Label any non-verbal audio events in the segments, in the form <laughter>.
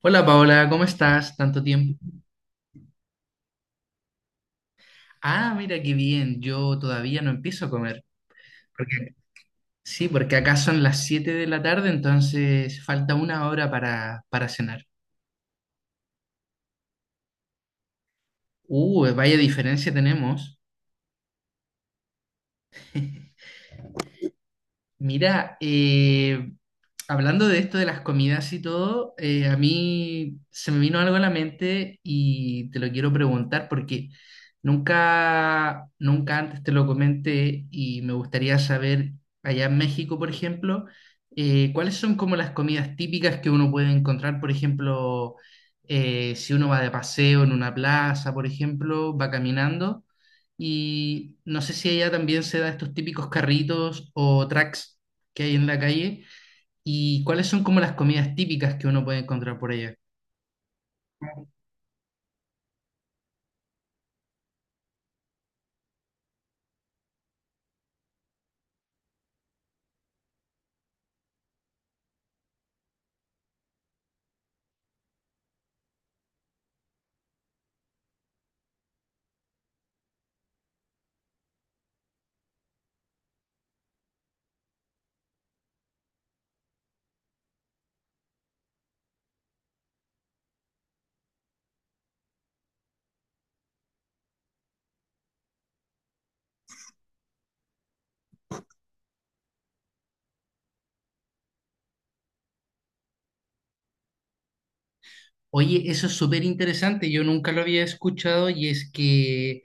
Hola Paola, ¿cómo estás? Tanto tiempo. Ah, mira qué bien, yo todavía no empiezo a comer. Porque, sí, porque acá son las 7 de la tarde, entonces falta una hora para cenar. Vaya diferencia tenemos. Mira, hablando de esto de las comidas y todo, a mí se me vino algo a la mente y te lo quiero preguntar porque nunca antes te lo comenté y me gustaría saber, allá en México, por ejemplo, cuáles son como las comidas típicas que uno puede encontrar, por ejemplo, si uno va de paseo en una plaza, por ejemplo, va caminando. Y no sé si allá también se da estos típicos carritos o tracks que hay en la calle. ¿Y cuáles son como las comidas típicas que uno puede encontrar por allá? Oye, eso es súper interesante, yo nunca lo había escuchado y es que,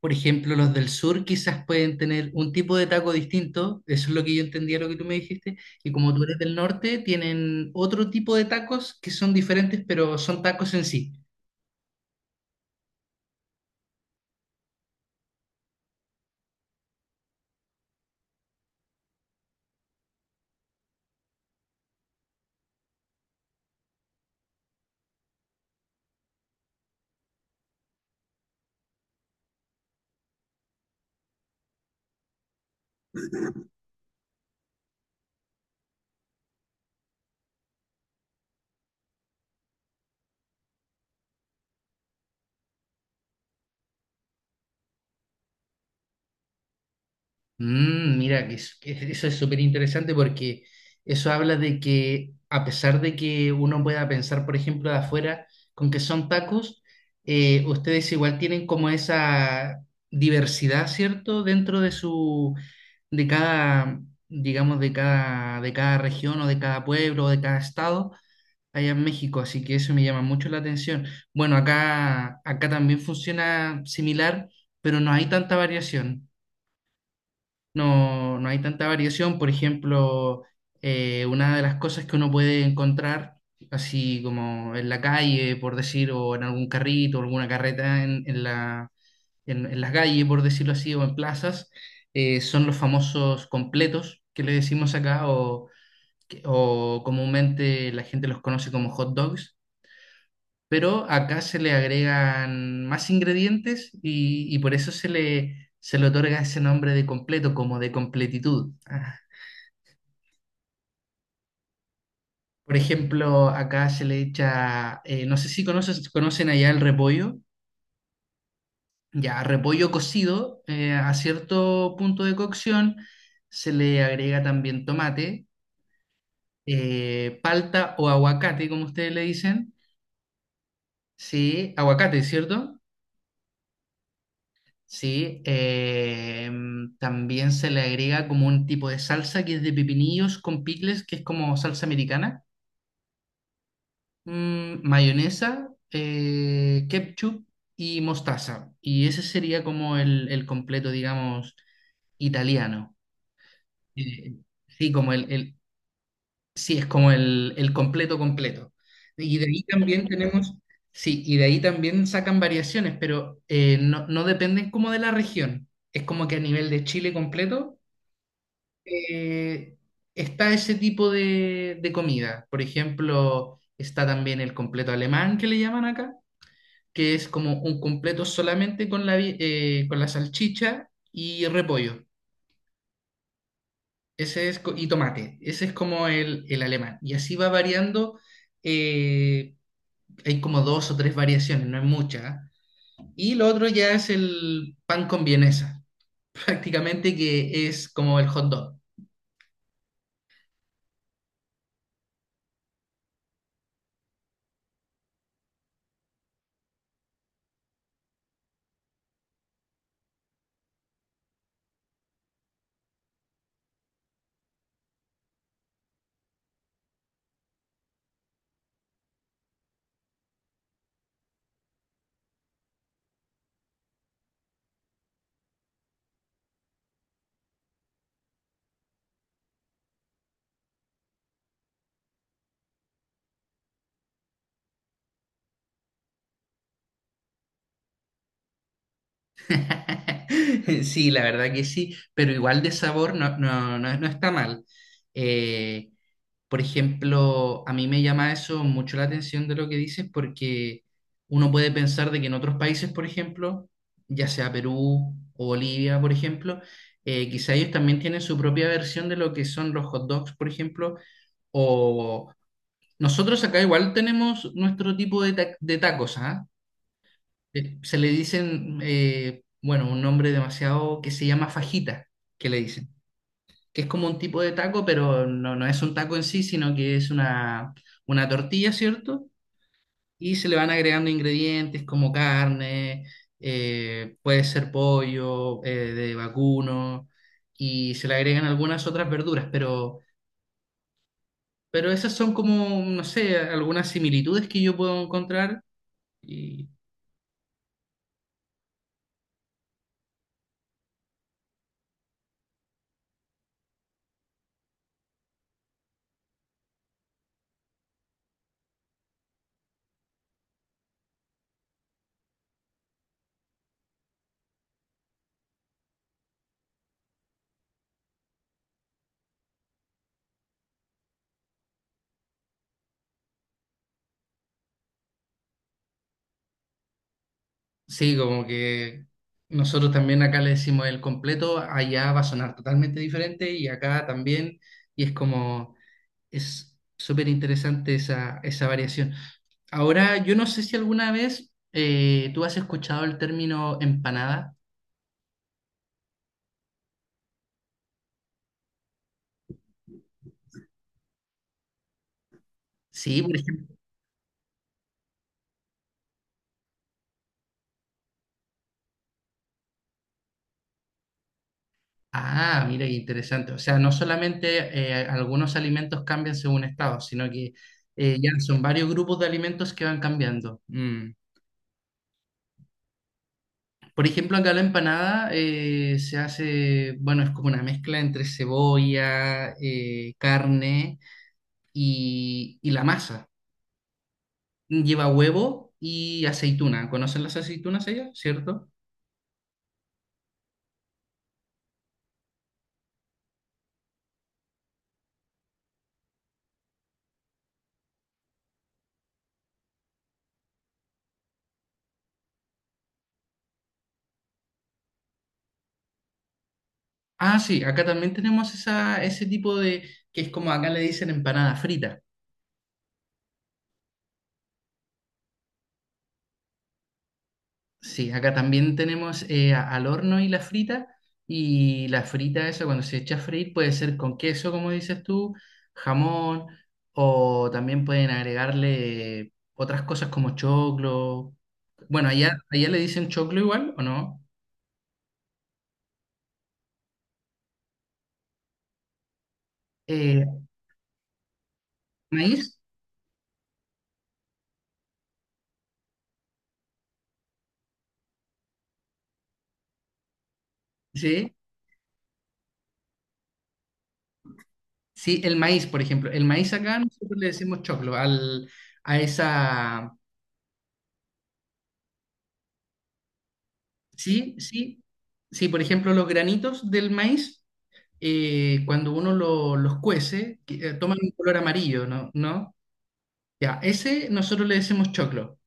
por ejemplo, los del sur quizás pueden tener un tipo de taco distinto, eso es lo que yo entendía, lo que tú me dijiste, y como tú eres del norte, tienen otro tipo de tacos que son diferentes, pero son tacos en sí. Mm, mira, que eso es súper interesante porque eso habla de que a pesar de que uno pueda pensar, por ejemplo, de afuera con que son tacos, ustedes igual tienen como esa diversidad, ¿cierto? Dentro de su, de cada, digamos, de cada región o de cada pueblo o de cada estado allá en México, así que eso me llama mucho la atención. Bueno, acá también funciona similar, pero no hay tanta variación, no, no hay tanta variación. Por ejemplo, una de las cosas que uno puede encontrar, así como en la calle, por decir, o en algún carrito, o alguna carreta en las calles, por decirlo así, o en plazas, son los famosos completos que le decimos acá, o, o comúnmente la gente los conoce como hot dogs, pero acá se le agregan más ingredientes y por eso se le otorga ese nombre de completo, como de completitud. Ah. Por ejemplo, acá se le echa, no sé si conocen allá el repollo, ya repollo cocido, a cierto punto de cocción se le agrega también tomate, palta o aguacate, como ustedes le dicen. Sí, aguacate, ¿cierto? Sí, también se le agrega como un tipo de salsa que es de pepinillos con picles, que es como salsa americana. Mayonesa, ketchup y mostaza. Y ese sería como el completo, digamos, italiano. Eh, sí, sí, es como el completo completo. Y de ahí también tenemos, sí, y de ahí también sacan variaciones, pero no, no dependen como de la región. Es como que a nivel de Chile completo. eh, está ese tipo de comida. Por ejemplo, está también el completo alemán que le llaman acá, que es como un completo solamente con con la salchicha y repollo. Ese es, y tomate. Ese es como el alemán. Y así va variando. eh, hay como 2 o 3 variaciones, no es mucha. Y lo otro ya es el pan con vienesa, <laughs> prácticamente que es como el hot dog. <laughs> Sí, la verdad que sí, pero igual de sabor no está mal. Eh, por ejemplo, a mí me llama eso mucho la atención de lo que dices porque uno puede pensar de que en otros países, por ejemplo, ya sea Perú o Bolivia, por ejemplo, quizá ellos también tienen su propia versión de lo que son los hot dogs, por ejemplo, o nosotros acá igual tenemos nuestro tipo de, de tacos, ¿ah? Se le dicen, bueno, un nombre demasiado que se llama fajita, que le dicen, que es como un tipo de taco, pero no, no es un taco en sí, sino que es una tortilla, ¿cierto? Y se le van agregando ingredientes como carne, puede ser pollo, de vacuno, y se le agregan algunas otras verduras, pero esas son como, no sé, algunas similitudes que yo puedo encontrar. Sí, como que nosotros también acá le decimos el completo, allá va a sonar totalmente diferente y acá también, y es como, es súper interesante esa, esa variación. Ahora, yo no sé si alguna vez tú has escuchado el término empanada. Sí, por ejemplo. Ah, mira, qué interesante. O sea, no solamente algunos alimentos cambian según estado, sino que ya son varios grupos de alimentos que van cambiando. Mm. Por ejemplo, acá la empanada se hace, bueno, es como una mezcla entre cebolla, carne y la masa. Lleva huevo y aceituna. ¿Conocen las aceitunas ellas? ¿Cierto? Ah, sí, acá también tenemos esa, ese tipo de, que es como acá le dicen empanada frita. Sí, acá también tenemos al horno y la frita. Y la frita, eso cuando se echa a freír, puede ser con queso, como dices tú, jamón, o también pueden agregarle otras cosas como choclo. Bueno, allá le dicen choclo igual, ¿o no? Eh, maíz, sí. Sí, el maíz, por ejemplo. El maíz acá nosotros le decimos choclo al, a esa. Sí, sí. Sí, por ejemplo, los granitos del maíz. Cuando los cuece, toman un color amarillo, ¿no? ¿No? Ya, ese nosotros le decimos choclo.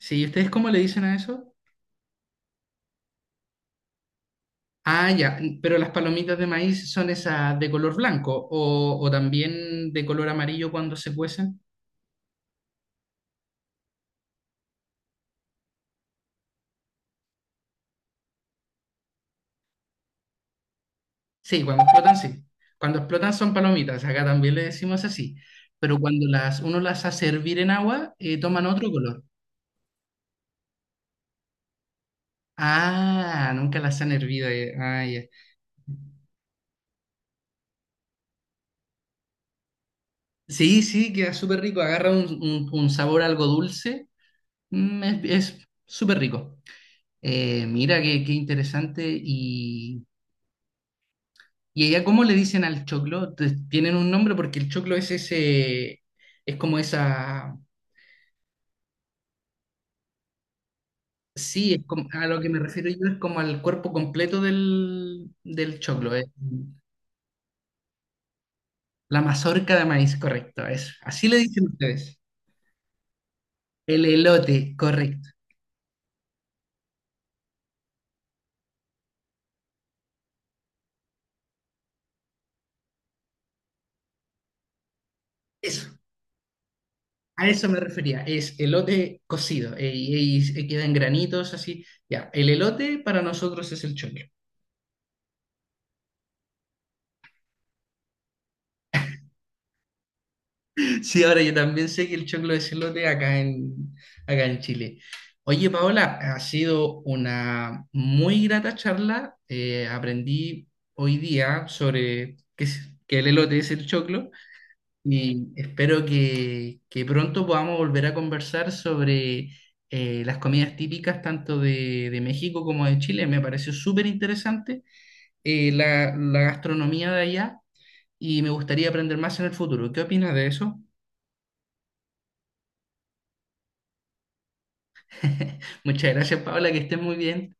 Sí, ¿y ustedes cómo le dicen a eso? Ah, ya, pero las palomitas de maíz son esas de color blanco o también de color amarillo cuando se cuecen. Sí. Cuando explotan son palomitas, acá también le decimos así. Pero cuando las, uno las hace hervir en agua, toman otro color. Ah, nunca las han hervido. Ah, ya. Sí, sí, queda súper rico, agarra un, un sabor algo dulce. Mm, es súper rico. Mira, qué, qué interesante. Y allá cómo le dicen al choclo? ¿Tienen un nombre? Porque el choclo es ese, es como esa, sí, es como, a lo que me refiero yo es como al cuerpo completo del, del choclo, La mazorca de maíz, correcto, eso. Así le dicen ustedes. El elote, correcto. Eso. A eso me refería, es elote cocido y, y queda en granitos así. Ya, el elote para nosotros es el choclo. <laughs> Sí, ahora yo también sé que el choclo es elote acá en, acá en Chile. Oye, Paola, ha sido una muy grata charla. Aprendí hoy día sobre que, que el elote es el choclo. Y espero que pronto podamos volver a conversar sobre las comidas típicas tanto de México como de Chile. Me pareció súper interesante la, la gastronomía de allá y me gustaría aprender más en el futuro. ¿Qué opinas de eso? <laughs> Muchas gracias, Paula, que estés muy bien.